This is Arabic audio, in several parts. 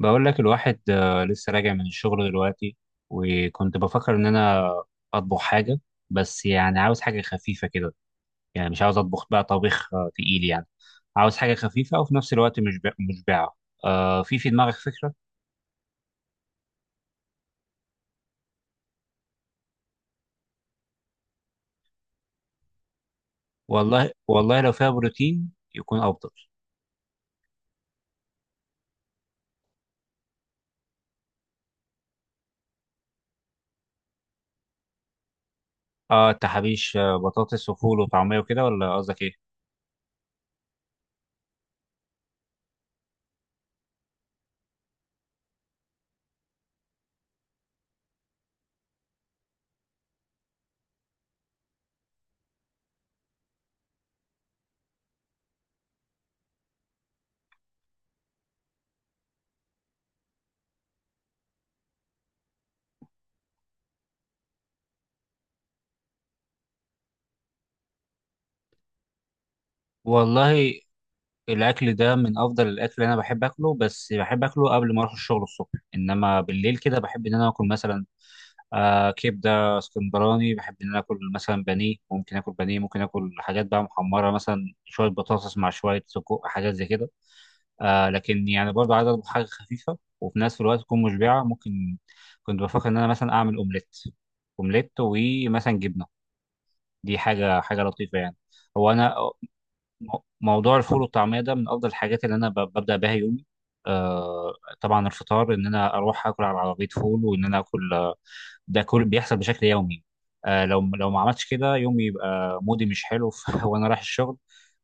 بقول لك الواحد لسه راجع من الشغل دلوقتي، وكنت بفكر ان انا اطبخ حاجه، بس يعني عاوز حاجه خفيفه كده. يعني مش عاوز اطبخ بقى طبيخ تقيل يعني. عاوز حاجه خفيفه وفي نفس الوقت مش مشبعه. في دماغك فكره؟ والله والله لو فيها بروتين يكون افضل. اه انت حبيش، بطاطس وفول وطعميه وكده ولا قصدك ايه؟ والله الاكل ده من افضل الاكل اللي انا بحب اكله، بس بحب اكله قبل ما اروح الشغل الصبح، انما بالليل كده بحب ان انا اكل مثلا كبده اسكندراني، بحب ان انا اكل مثلا بانيه، ممكن اكل بانيه، ممكن اكل حاجات بقى محمره مثلا شويه بطاطس مع شويه سجق، حاجات زي كده. لكن يعني برضه عايز اطبخ حاجه خفيفه وفي نفس الوقت تكون مشبعه. ممكن كنت بفكر ان انا مثلا اعمل اومليت، اومليت ومثلا جبنه، دي حاجه لطيفه يعني. هو انا، موضوع الفول والطعميه ده من افضل الحاجات اللي انا ببدا بها يومي. آه طبعا الفطار ان انا اروح اكل على عربيه فول وان انا اكل، ده كل بيحصل بشكل يومي. لو ما عملتش كده يومي يبقى مودي مش حلو وانا رايح الشغل.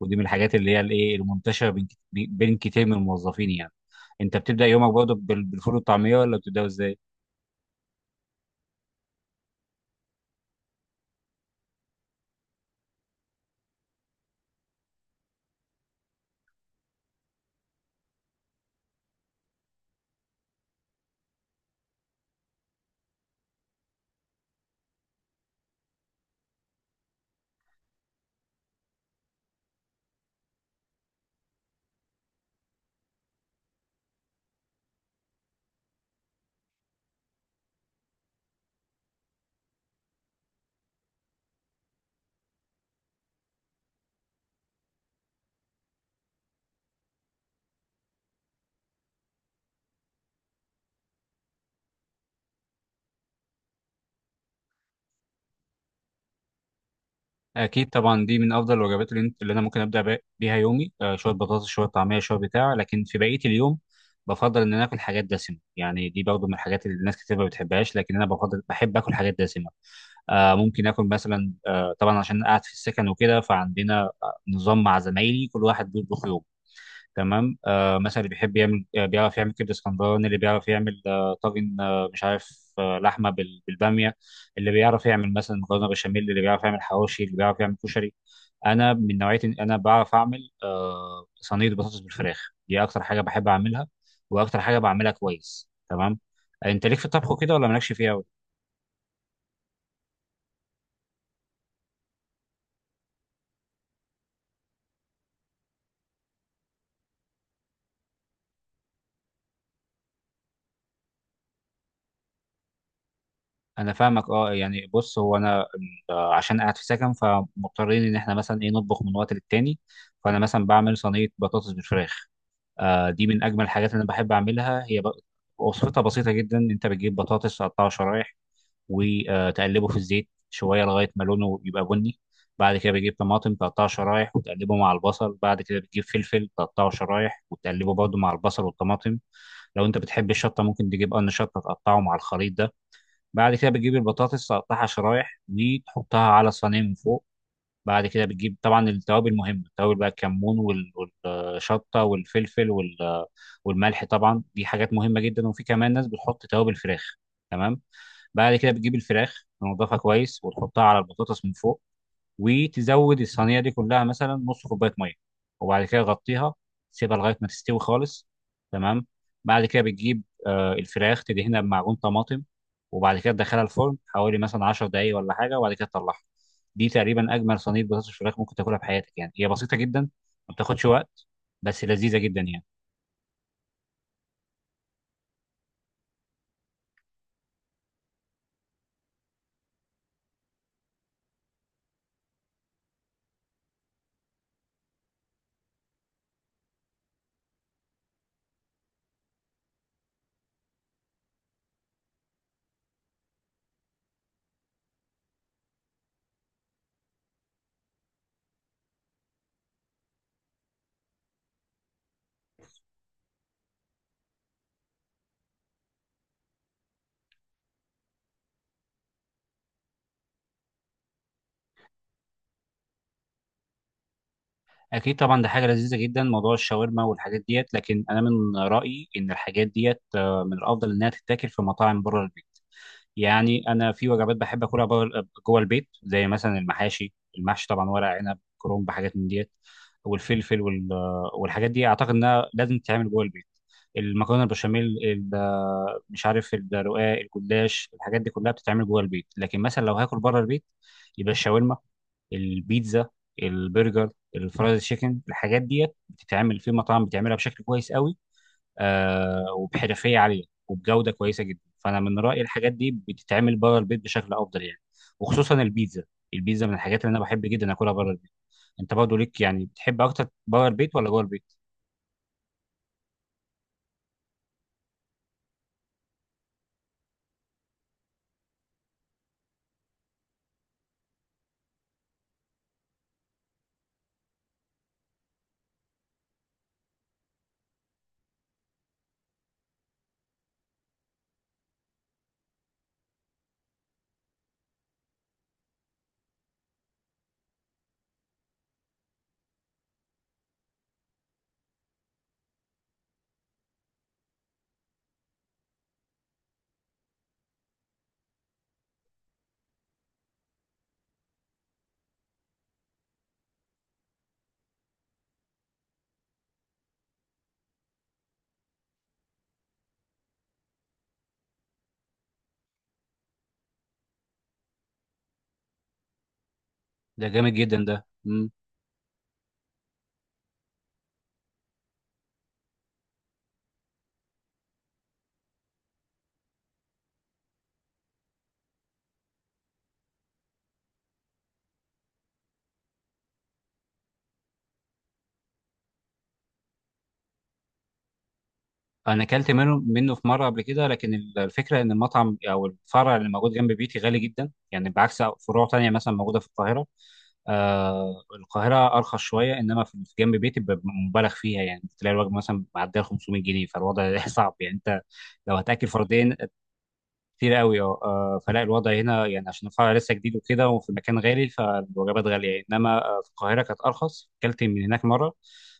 ودي من الحاجات اللي هي الايه المنتشره بين بين كتير من الموظفين يعني. انت بتبدا يومك برضه بالفول والطعميه ولا بتبداه ازاي؟ اكيد طبعا دي من افضل الوجبات اللي انا ممكن ابدا بيها يومي، شويه بطاطس شويه طعميه شويه بتاع. لكن في بقيه اليوم بفضل ان انا اكل حاجات دسمه، يعني دي برضه من الحاجات اللي الناس كتير ما بتحبهاش، لكن انا بفضل بحب اكل حاجات دسمه. ممكن اكل مثلا، طبعا عشان قاعد في السكن وكده، فعندنا نظام مع زمايلي، كل واحد بيطبخ يوم. تمام، مثلا اللي بيحب يعمل، بيعرف يعمل كبده اسكندراني، اللي بيعرف يعمل طاجن، مش عارف، لحمه بالباميه، اللي بيعرف يعمل مثلا مكرونه بشاميل، اللي بيعرف يعمل حواوشي، اللي بيعرف يعمل كشري. انا من نوعيه إن انا بعرف اعمل صينيه بطاطس بالفراخ، دي اكتر حاجه بحب اعملها واكتر حاجه بعملها كويس. تمام، انت ليك في الطبخ كده ولا مالكش فيها؟ انا فاهمك. اه يعني بص، هو انا عشان قاعد في سكن فمضطرين ان احنا مثلا ايه نطبخ من وقت للتاني. فانا مثلا بعمل صينيه بطاطس بالفراخ، دي من اجمل الحاجات اللي انا بحب اعملها هي. وصفتها بسيطه جدا، انت بتجيب بطاطس تقطعه شرايح وتقلبه في الزيت شويه لغايه ما لونه يبقى بني. بعد كده بتجيب طماطم تقطعه شرايح وتقلبه مع البصل، بعد كده بتجيب فلفل تقطعه شرايح وتقلبه برضه مع البصل والطماطم. لو انت بتحب الشطه ممكن تجيب قرن شطه تقطعه مع الخليط ده. بعد كده بتجيب البطاطس تقطعها شرايح دي تحطها على الصينيه من فوق. بعد كده بتجيب طبعا التوابل مهمه، التوابل بقى الكمون والشطه والفلفل والملح، طبعا دي حاجات مهمه جدا، وفي كمان ناس بتحط توابل فراخ. تمام. بعد كده بتجيب الفراخ تنضفها كويس وتحطها على البطاطس من فوق، وتزود الصينيه دي كلها مثلا نص كوبايه ميه، وبعد كده غطيها، سيبها لغايه ما تستوي خالص. تمام. بعد كده بتجيب الفراخ تدهنها بمعجون طماطم، وبعد كده تدخلها الفرن حوالي مثلا 10 دقايق ولا حاجه، وبعد كده تطلعها. دي تقريبا اجمل صينيه بطاطس فراخ ممكن تاكلها في حياتك، يعني هي بسيطه جدا، ما بتاخدش وقت، بس لذيذه جدا يعني. اكيد طبعا ده حاجه لذيذه جدا موضوع الشاورما والحاجات ديت، لكن انا من رايي ان الحاجات ديت من الافضل انها تتاكل في مطاعم بره البيت. يعني انا في وجبات بحب اكلها جوه البيت، زي مثلا المحاشي، المحشي طبعا، ورق عنب، كرنب، حاجات من ديت، والفلفل والحاجات دي اعتقد انها لازم تتعمل جوه البيت. المكرونه البشاميل، مش عارف، الرقاق، الجلاش، الحاجات دي كلها بتتعمل جوه البيت. لكن مثلا لو هاكل بره البيت، يبقى الشاورما، البيتزا، البرجر، الفرايد تشيكن، الحاجات ديت بتتعمل في مطاعم بتعملها بشكل كويس قوي، وبحرفيه عاليه وبجوده كويسه جدا. فانا من رايي الحاجات دي بتتعمل بره البيت بشكل افضل يعني، وخصوصا البيتزا. البيتزا من الحاجات اللي انا بحب جدا اكلها بره البيت. انت برضه ليك، يعني بتحب اكتر بره البيت ولا جوه البيت؟ ده جامد جدا ده. مم. انا اكلت منه في مره قبل كده، لكن الفكره ان المطعم او الفرع اللي موجود جنب بيتي غالي جدا، يعني بعكس فروع تانية مثلا موجوده في القاهره. القاهرة أرخص شوية، إنما في جنب بيتي بيبقى مبالغ فيها. يعني تلاقي الوجبة مثلا معدية 500 جنيه، فالوضع صعب يعني. أنت لو هتاكل فردين كتير قوي أه آه، فلا الوضع هنا يعني عشان الفرع لسه جديد وكده وفي مكان غالي فالوجبات غالية يعني. إنما في القاهرة كانت أرخص، أكلت من هناك مرة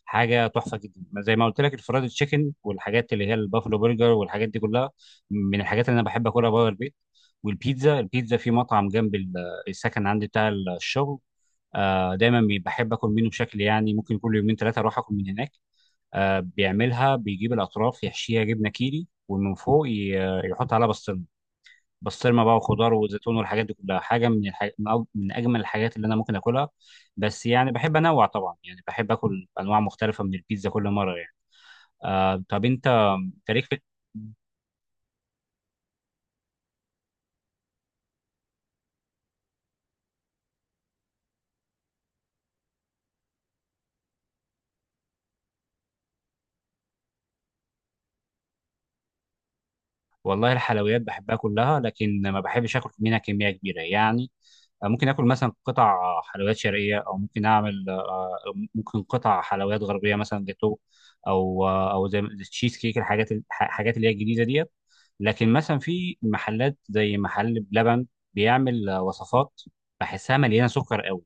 حاجة تحفة جدا. زي ما قلت لك، الفرايد تشيكن والحاجات اللي هي البافلو برجر والحاجات دي كلها من الحاجات اللي أنا بحب أكلها بره البيت. والبيتزا، البيتزا في مطعم جنب السكن عندي بتاع الشغل، دايما بحب اكل منه بشكل يعني، ممكن كل يومين ثلاثه اروح اكل من هناك. بيعملها بيجيب الاطراف يحشيها جبنه كيري ومن فوق يحط عليها بسطرمه. بسطرمه بقى وخضار وزيتون والحاجات دي كلها، حاجه من من اجمل الحاجات اللي انا ممكن اكلها. بس يعني بحب انوع طبعا، يعني بحب اكل انواع مختلفه من البيتزا كل مره يعني. طب أنت ليك في؟ والله الحلويات بحبها كلها، لكن ما بحبش اكل منها كميه كبيره يعني. ممكن اكل مثلا قطع حلويات شرقيه، او ممكن اعمل، ممكن قطع حلويات غربيه مثلا جاتو، او او زي التشيز كيك، الحاجات اللي هي الجديده ديت. لكن مثلا في محلات زي محل بلبن بيعمل وصفات بحسها مليانه سكر قوي،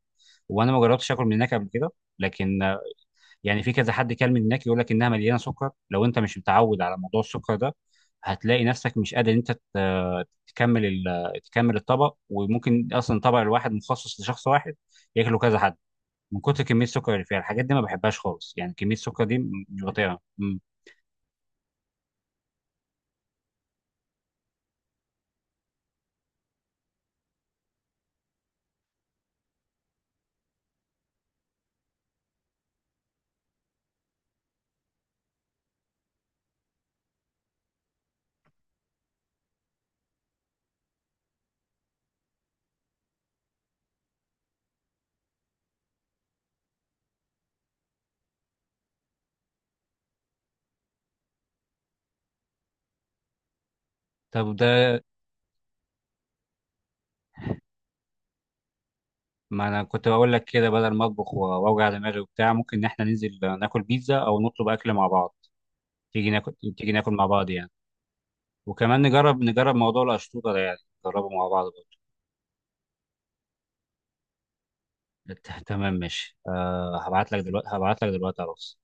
وانا ما جربتش اكل من هناك قبل كده، لكن يعني في كذا حد كلمني هناك يقول لك انها مليانه سكر. لو انت مش متعود على موضوع السكر ده هتلاقي نفسك مش قادر إن انت تكمل تكمل الطبق، وممكن اصلا الطبق الواحد مخصص لشخص واحد ياكله كذا حد، من كتر كميه السكر اللي فيها. الحاجات دي ما بحبهاش خالص يعني، كميه السكر دي مش بطيئه. مم. طب ده، ما انا كنت بقول لك كده بدل ما اطبخ واوجع دماغي وبتاع، ممكن ان احنا ننزل ناكل بيتزا، او نطلب اكل مع بعض. تيجي ناكل، تيجي ناكل مع بعض يعني، وكمان نجرب موضوع القشطوطه ده يعني، نجربه مع بعض. ت- تمام ماشي، أه هبعت لك دلوقتي، هبعت لك دلوقتي على الواتس.